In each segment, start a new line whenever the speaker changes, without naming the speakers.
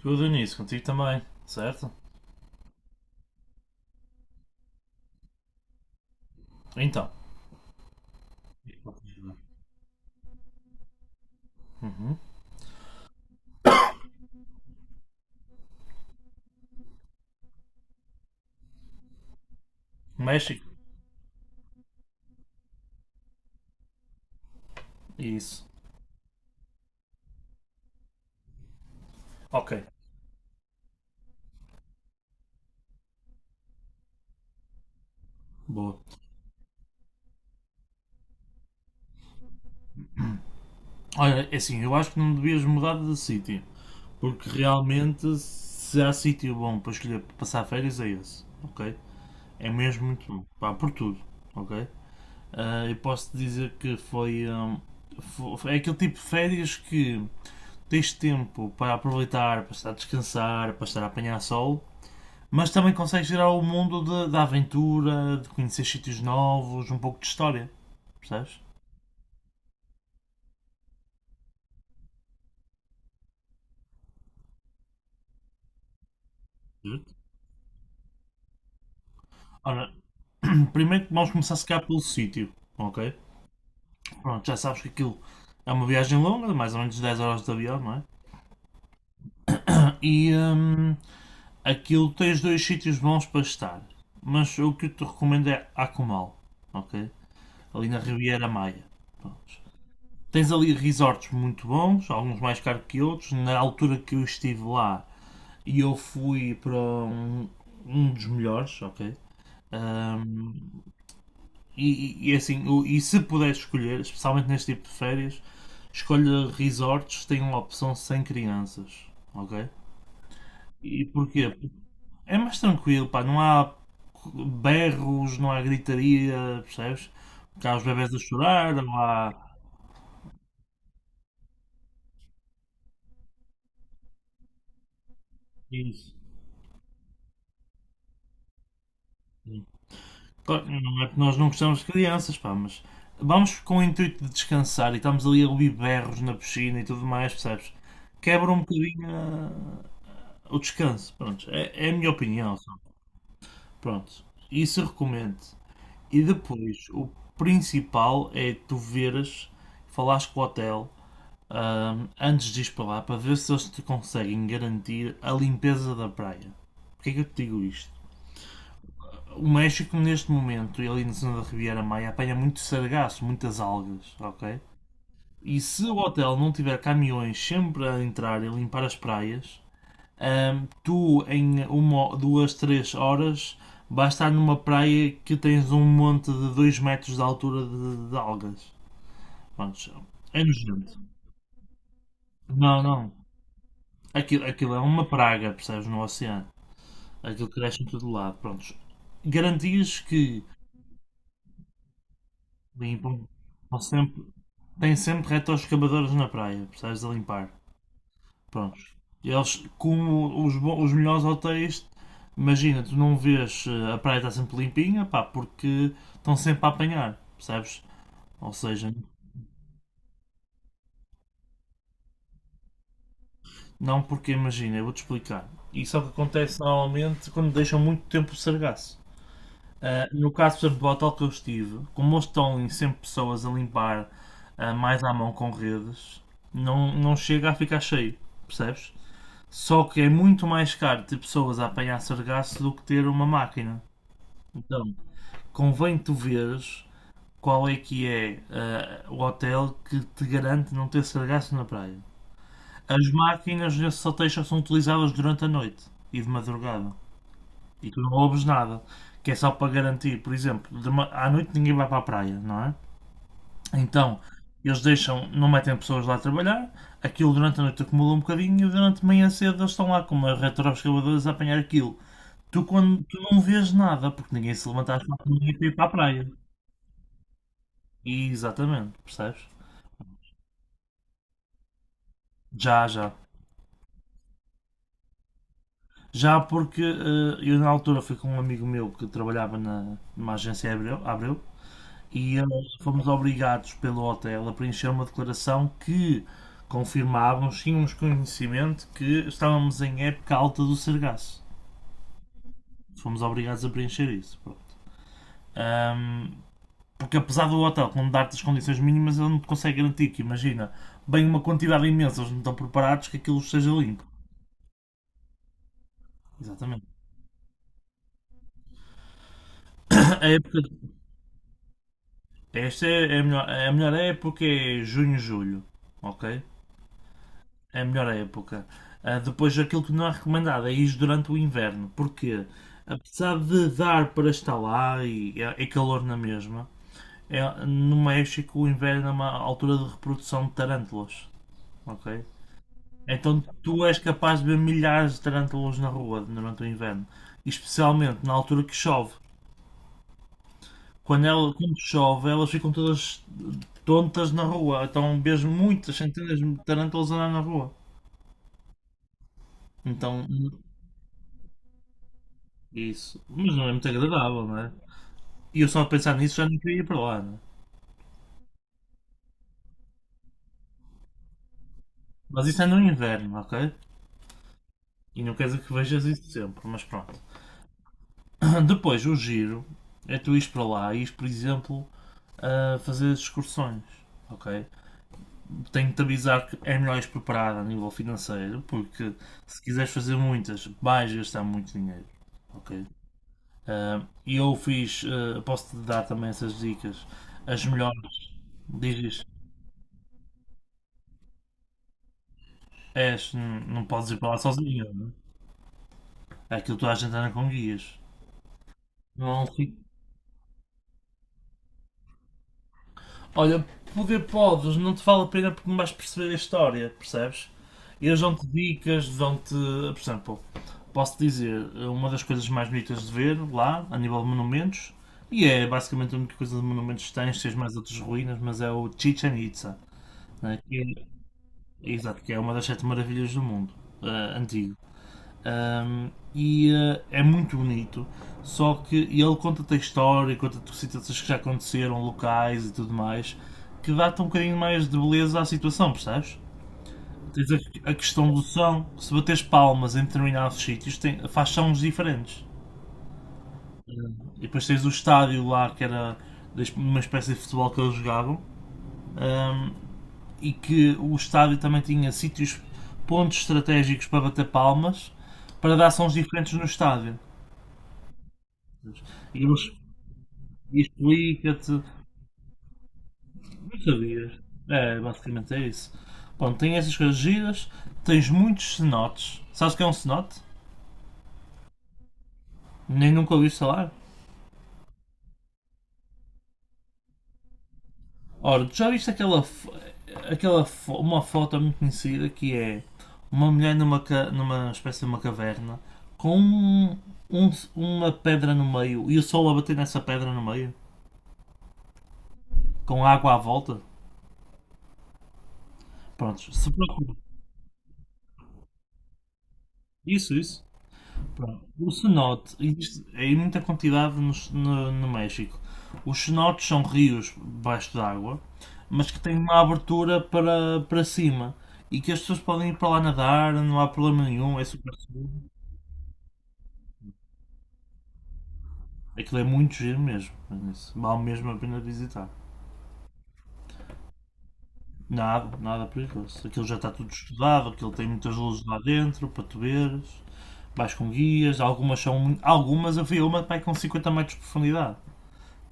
Tudo nisso, contigo também, certo? Então, uhum. México, isso. Ok, boa. Olha, é assim, eu acho que não devias mudar de sítio, porque realmente se há sítio bom para escolher para passar férias é esse, ok? É mesmo muito bom, pá, por tudo, ok? Ah, eu posso dizer que foi. É aquele tipo de férias que tens tempo para aproveitar, para estar a descansar, para estar a apanhar sol, mas também consegues gerar o mundo da aventura, de conhecer sítios novos, um pouco de história. Percebes? Certo. Ora, primeiro vamos começar se calhar pelo sítio, ok? Pronto, já sabes que aquilo é uma viagem longa, de mais ou menos 10 horas de avião, não é? E aquilo tens dois sítios bons para estar, mas o que eu te recomendo é Akumal, ok? Ali na Riviera Maia. Pronto. Tens ali resorts muito bons, alguns mais caros que outros. Na altura que eu estive lá, e eu fui para um dos melhores, ok? Um, e, assim, e se puder escolher, especialmente neste tipo de férias, escolha resorts que tenham a opção sem crianças, ok? E porquê? É mais tranquilo, pá, não há berros, não há gritaria, percebes? Porque há os bebés a chorar, não há. Isso. Claro, não é que nós não gostamos de crianças, pá, mas vamos com o intuito de descansar e estamos ali a ouvir berros na piscina e tudo mais, percebes? Quebra um bocadinho o descanso, pronto. É a minha opinião, sabe? Pronto. Isso eu recomendo. E depois, o principal é tu veres, falares com o hotel ah, antes de ir para lá para ver se eles te conseguem garantir a limpeza da praia. Porquê é que eu te digo isto? O México, neste momento, e ali na zona da Riviera Maia, apanha muito sargaço, muitas algas, ok? E se o hotel não tiver caminhões sempre a entrar e limpar as praias, tu, em uma, duas, três horas, vais estar numa praia que tens um monte de 2 metros de altura de algas. Vamos, é nojento. Não, não. Aquilo é uma praga, percebes, no oceano. Aquilo cresce em todo lado. Prontos. Garantias que bem, bom, estão sempre, têm sempre retroescavadores na praia, precisas de limpar. Prontos. Eles, como os, os melhores hotéis, imagina, tu não vês a praia está sempre limpinha, pá, porque estão sempre a apanhar, percebes? Ou seja, não porque imagina, eu vou-te explicar. Isso é o que acontece normalmente quando deixam muito tempo o sargaço. No caso, por exemplo, do hotel que eu estive, como eles estão em 100 pessoas a limpar mais à mão com redes, não, não chega a ficar cheio, percebes? Só que é muito mais caro ter pessoas a apanhar sargaço do que ter uma máquina. Então, convém tu veres qual é que é o hotel que te garante não ter sargaço na praia. As máquinas nesses hotéis só são utilizadas durante a noite e de madrugada. E tu não ouves nada. Que é só para garantir, por exemplo, à noite ninguém vai para a praia, não é? Então, eles deixam, não metem pessoas lá a trabalhar, aquilo durante a noite acumula um bocadinho e durante a manhã cedo eles estão lá com uma retroescavadora a apanhar aquilo. Tu não vês nada, porque ninguém se levanta às 4 da manhã para ir para a praia. E, exatamente, percebes? Já, já. Já porque eu na altura fui com um amigo meu que trabalhava numa agência Abreu, Abreu e eles fomos obrigados pelo hotel a preencher uma declaração que confirmávamos, tínhamos conhecimento que estávamos em época alta do sargaço. Fomos obrigados a preencher isso. Pronto. Ahm, Porque apesar do hotel não dar-te as condições mínimas, ele não te consegue garantir que, imagina, bem uma quantidade imensa, eles não estão preparados que aquilo esteja limpo. Exatamente. A época, esta é a melhor época é junho, julho, ok? É a melhor época. Ah, depois, aquilo que não é recomendado é ir durante o inverno, porque apesar de dar para estar lá e é calor na mesma, no México o inverno é uma altura de reprodução de tarântulas, ok? Então tu és capaz de ver milhares de tarântulas na rua durante o inverno, especialmente na altura que chove. Quando chove, elas ficam todas tontas na rua, então vês muitas centenas de tarântulas andar na rua. Então, isso. Mas não é muito agradável, não é? E eu só a pensar nisso já não queria ir para lá, não é? Mas isso é no inverno, ok? E não quer dizer que vejas isso sempre, mas pronto. Depois, o giro é tu ires para lá e ires, por exemplo, a fazer as excursões, ok? Tenho-te a avisar que é melhor ires preparado a nível financeiro, porque se quiseres fazer muitas, vais gastar muito dinheiro, ok? E eu fiz, posso-te dar também essas dicas, as melhores, dizes, és, não podes ir para lá sozinho, não é? Aquilo toda a gente anda com guias. Não, olha, poder podes, não te vale a pena porque não vais perceber a história, percebes? Eles dão-te dicas, dão-te. Por exemplo, posso dizer, uma das coisas mais bonitas de ver lá, a nível de monumentos, e é basicamente a única coisa de monumentos que tens, tens mais outras ruínas, mas é o Chichen Itza, né? Que, é, exato, que é uma das sete maravilhas do mundo, eh, antiga. E é muito bonito. Só que ele conta-te a história, conta-te situações que já aconteceram, locais e tudo mais, que dá-te um bocadinho mais de beleza à situação, percebes? Tens a questão do som, se bateres palmas em determinados sítios, tem, faz sons diferentes. E depois tens o estádio lá, que era uma espécie de futebol que eles jogavam, um, e que o estádio também tinha sítios, pontos estratégicos para bater palmas, para dar sons diferentes no estádio. E eles explica-te. Não sabias. É, basicamente é isso. Bom, tem essas coisas giras, tens muitos cenotes. Sabes o que é um cenote? Nem nunca ouvi falar. Ora, tu já viste aquela, aquela uma foto muito conhecida que é uma mulher numa espécie de uma caverna com um- uma pedra no meio e o sol a bater nessa pedra no meio com água à volta? Prontos, se preocupa. Isso, isso. Bom, o cenote, existe em muita quantidade no México. Os cenotes são rios debaixo d'água, mas que têm uma abertura para cima e que as pessoas podem ir para lá nadar, não há problema nenhum, é super seguro. Aquilo é muito giro mesmo, isso vale mesmo a pena visitar. Nada, nada perigoso. Aquilo já está tudo estudado, aquilo tem muitas luzes lá dentro para tu veres. Vais com guias, algumas são, algumas havia uma que vai com 50 metros de profundidade.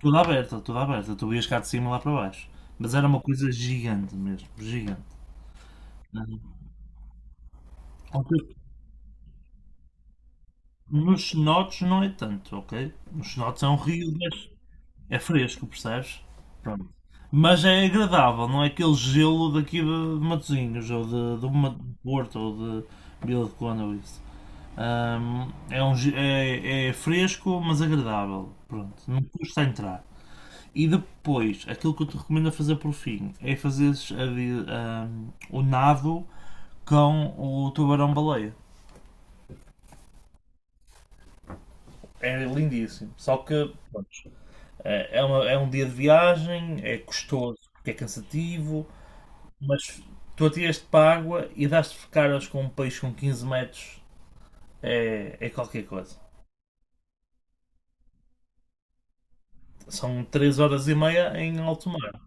Tudo aberta, tudo aberta. Tu ias cá de cima lá para baixo. Mas era uma coisa gigante mesmo, gigante. Ah, ok. Nos cenotes não é tanto, ok? Nos cenotes é um rio, mas é fresco, percebes? Pronto. Mas é agradável, não é aquele gelo daqui de Matosinhos, ou de Porto, ou de Vila de Conde, ou isso. É fresco, mas agradável. Pronto, não custa entrar. E depois, aquilo que eu te recomendo a fazer por fim é fazeres a o nado com o tubarão-baleia. É lindíssimo. Só que pronto, é um dia de viagem, é custoso porque é cansativo, mas tu atiras-te para a água e dás-te caras com um peixe com 15 metros. É qualquer coisa. São 3 horas e meia em alto mar,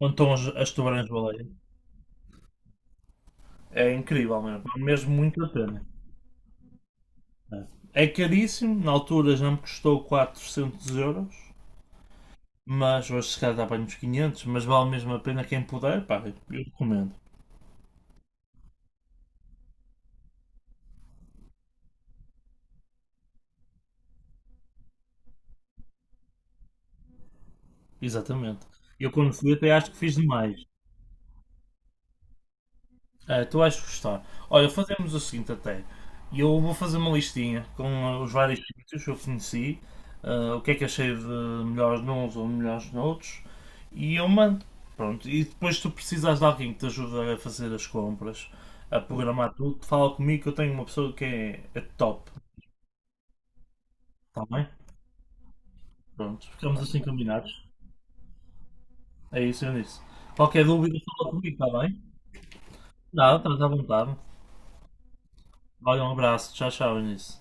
onde estão as tubarões-baleia. É incrível mesmo, vale mesmo muito a pena. É caríssimo, na altura já me custou 400 euros, mas hoje se calhar dá bem uns 500, mas vale mesmo a pena quem puder, pá, eu recomendo. Exatamente. Eu quando fui até acho que fiz demais. Ah, tu vais gostar. Olha, fazemos o seguinte até. Eu vou fazer uma listinha com os vários sítios que eu conheci, o que é que achei de melhores nuns ou melhores noutros, e eu mando. Pronto, e depois se tu precisas de alguém que te ajude a fazer as compras, a programar tudo, fala comigo que eu tenho uma pessoa que é top, está bem? Pronto, ficamos assim combinados. É isso, eu disse. Qualquer dúvida, fala comigo, está bem? Nada, estás à vontade. Olha, um abraço, tchau, tchau, Eunice.